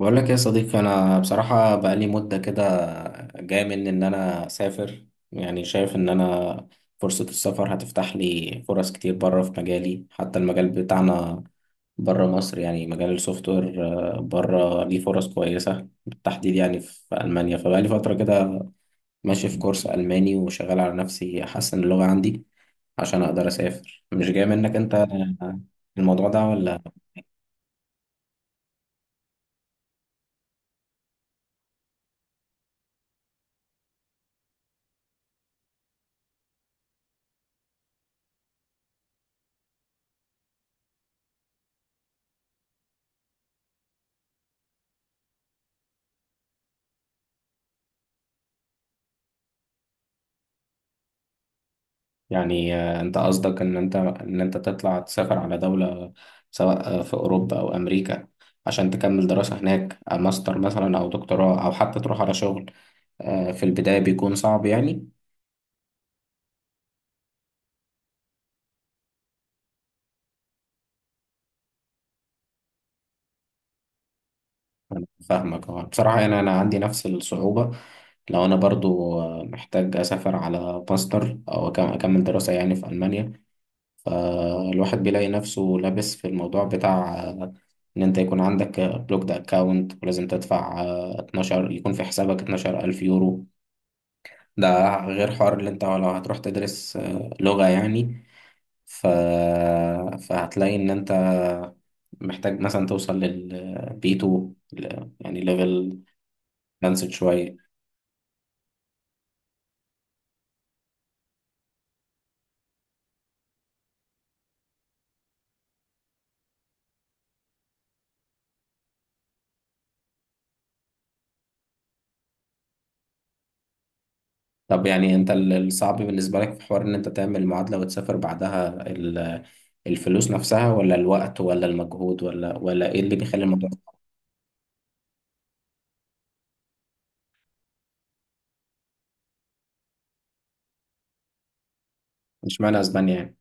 بقول لك يا صديقي، انا بصراحه بقالي مده كده جاي مني ان انا اسافر. يعني شايف ان انا فرصه السفر هتفتح لي فرص كتير بره في مجالي، حتى المجال بتاعنا بره مصر يعني مجال السوفت وير. بره ليه فرص كويسه بالتحديد يعني في المانيا، فبقالي فتره كده ماشي في كورس الماني وشغال على نفسي احسن اللغه عندي عشان اقدر اسافر. مش جاي منك انت الموضوع ده ولا؟ يعني انت قصدك ان انت تطلع تسافر على دولة، سواء في اوروبا او امريكا، عشان تكمل دراسة هناك. ماستر مثلا او دكتوراه او حتى تروح على شغل. في البداية بيكون صعب يعني. أنا فاهمك، آه. بصراحة يعني انا عندي نفس الصعوبة، لو انا برضو محتاج اسافر على ماستر او اكمل دراسة يعني في المانيا. فالواحد بيلاقي نفسه لابس في الموضوع بتاع ان انت يكون عندك بلوكد اكاونت ولازم تدفع 12، يكون في حسابك 12000 الف يورو. ده غير حوار اللي انت لو هتروح تدرس لغة يعني. ف... فهتلاقي ان انت محتاج مثلا توصل للبي 2، يعني ليفل ادفانسد شوية. طب يعني انت الصعب بالنسبة لك في حوار ان انت تعمل المعادلة وتسافر بعدها، الفلوس نفسها ولا الوقت ولا المجهود ولا ايه اللي بيخلي الموضوع؟ مش معنى اسبانيا يعني.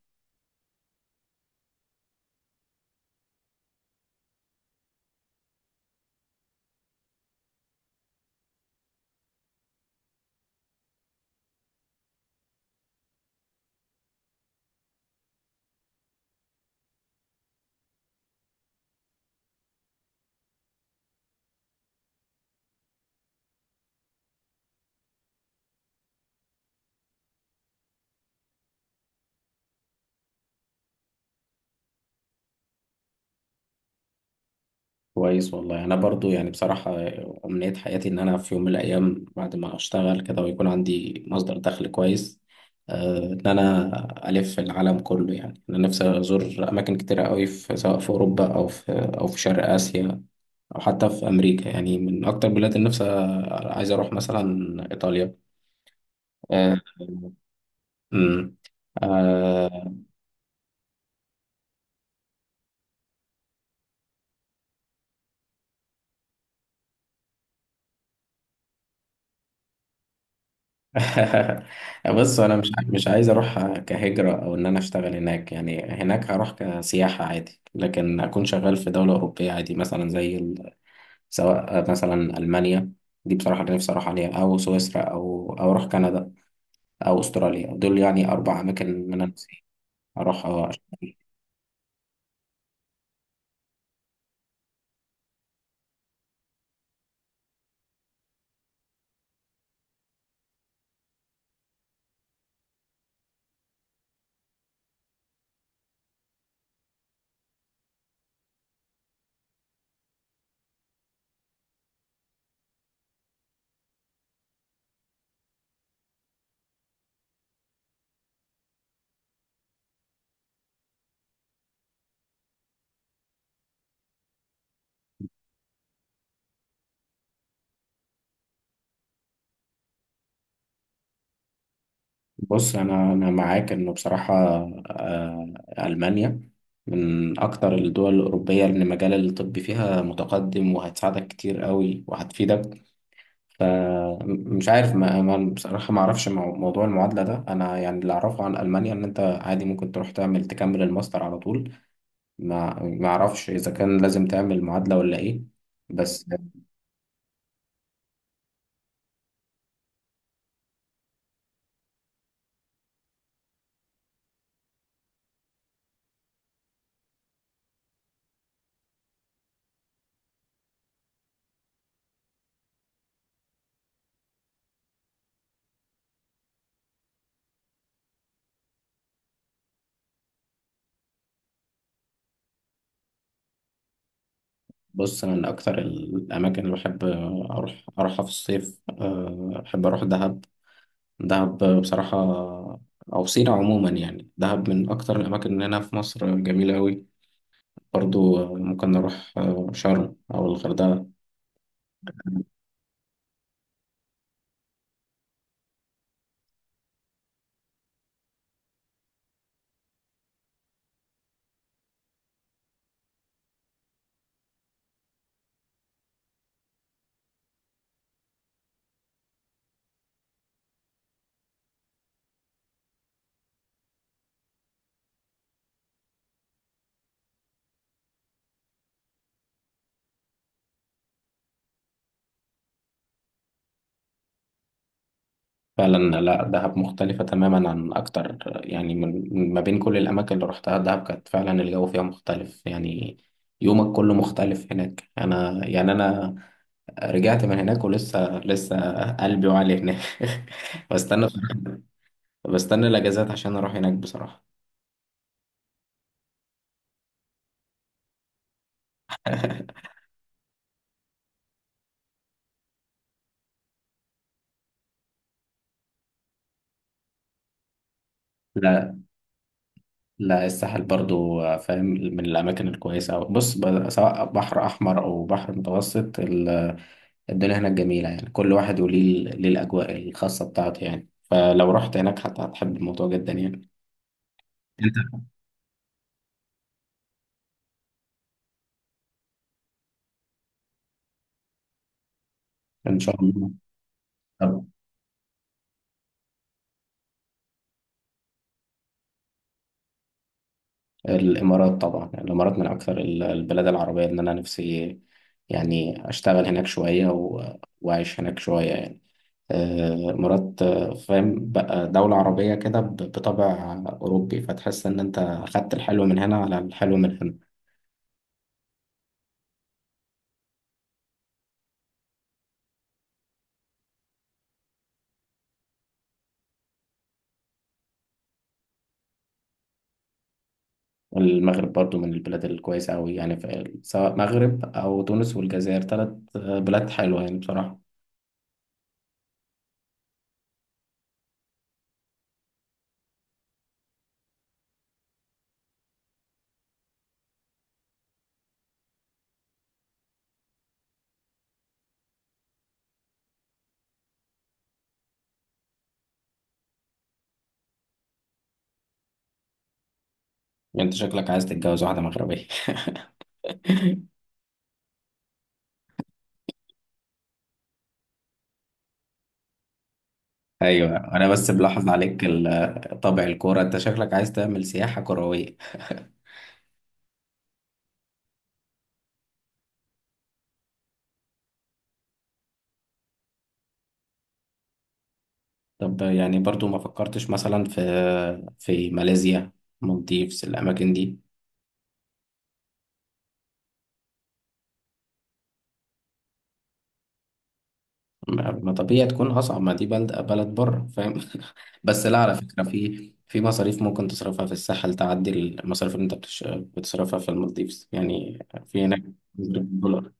كويس والله. انا برضو يعني بصراحة امنية حياتي ان انا في يوم من الايام بعد ما اشتغل كده ويكون عندي مصدر دخل كويس، ان انا الف العالم كله. يعني انا نفسي ازور اماكن كتيرة قوي، في سواء في اوروبا او في او في شرق اسيا، او حتى في امريكا. يعني من اكتر بلاد النفس، عايز اروح مثلا ايطاليا. آه، امم. آه. بص، انا مش عايز اروح كهجرة او ان انا اشتغل هناك. يعني هناك هروح كسياحة عادي، لكن اكون شغال في دولة اوروبية عادي مثلا زي سواء مثلا المانيا، دي بصراحة اللي نفسي اروح عليها، او سويسرا او اروح كندا، او استراليا. دول يعني اربع اماكن من أنا نفسي اروح. بص، انا معاك انه بصراحه، آه، المانيا من اكتر الدول الاوروبيه اللي مجال الطب فيها متقدم وهتساعدك كتير قوي وهتفيدك. فمش عارف بصراحه ما اعرفش موضوع المعادله ده انا، يعني اللي اعرفه عن المانيا ان انت عادي ممكن تروح تعمل تكمل الماستر على طول. ما اعرفش اذا كان لازم تعمل معادله ولا ايه. بس. بص، انا من اكتر الاماكن اللي بحب اروحها في الصيف، بحب اروح دهب. دهب بصراحة، أو سينا عموما. يعني دهب من أكتر الأماكن اللي هنا في مصر، جميلة أوي. برضو ممكن نروح شرم أو الغردقة. فعلا لا، دهب مختلفة تماما عن أكتر. يعني ما بين كل الأماكن اللي روحتها، دهب كانت فعلا الجو فيها مختلف يعني. يومك كله مختلف هناك. أنا يعني أنا رجعت من هناك ولسه لسه قلبي وعلي هناك. بستنى، بستنى الأجازات عشان أروح هناك بصراحة. لا، لا، الساحل برضو فاهم من الأماكن الكويسة أوي. بص، سواء بحر أحمر أو بحر متوسط، الدنيا هناك جميلة. يعني كل واحد وليه، ليه الأجواء الخاصة بتاعته. يعني فلو رحت هناك حتى هتحب الموضوع جدا يعني. أنت؟ إن شاء الله. طب، الإمارات طبعا. الإمارات من أكثر البلاد العربية إن أنا نفسي يعني أشتغل هناك شوية وأعيش هناك شوية يعني. مرات، فاهم بقى، دولة عربية كده بطابع أوروبي، فتحس إن أنت أخدت الحلو من هنا على الحلو من هنا. والمغرب برضو من البلاد الكويسة أوي. يعني سواء مغرب أو تونس والجزائر، تلات بلاد حلوة يعني بصراحة. يعني أنت شكلك عايز تتجوز واحدة مغربية. أيوة، أنا بس بلاحظ عليك طابع الكورة. أنت شكلك عايز تعمل سياحة كروية. طب، يعني برضو ما فكرتش مثلا في ماليزيا، المالديفز، الأماكن دي؟ ما ما طبيعي تكون أصعب، ما دي بلد بلد بره فاهم. بس لا، على فكرة في مصاريف ممكن تصرفها في الساحل تعدي المصاريف اللي أنت بتصرفها في المالديفز يعني. في هناك دولار.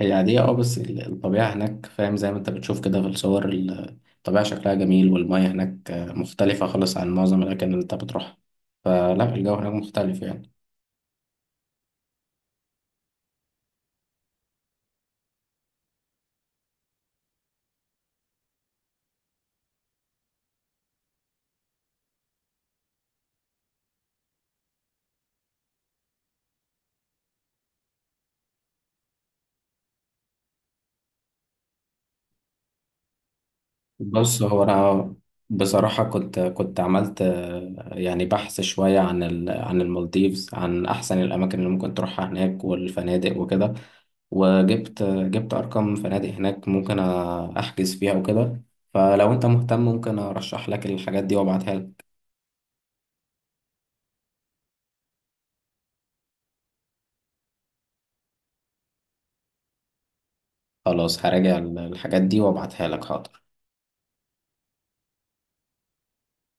هي عادية، اه، بس الطبيعة هناك فاهم زي ما أنت بتشوف كده في الصور، الطبيعة شكلها جميل، والمية هناك مختلفة خالص عن معظم الأماكن اللي أنت بتروحها. فلا، الجو هناك مختلف يعني. بص، هو انا بصراحه كنت عملت يعني بحث شويه عن عن المالديفز، عن احسن الاماكن اللي ممكن تروحها هناك والفنادق وكده، وجبت ارقام فنادق هناك ممكن احجز فيها وكده. فلو انت مهتم ممكن ارشح لك الحاجات دي وابعتها لك. خلاص، هراجع الحاجات دي وابعتها لك، حاضر.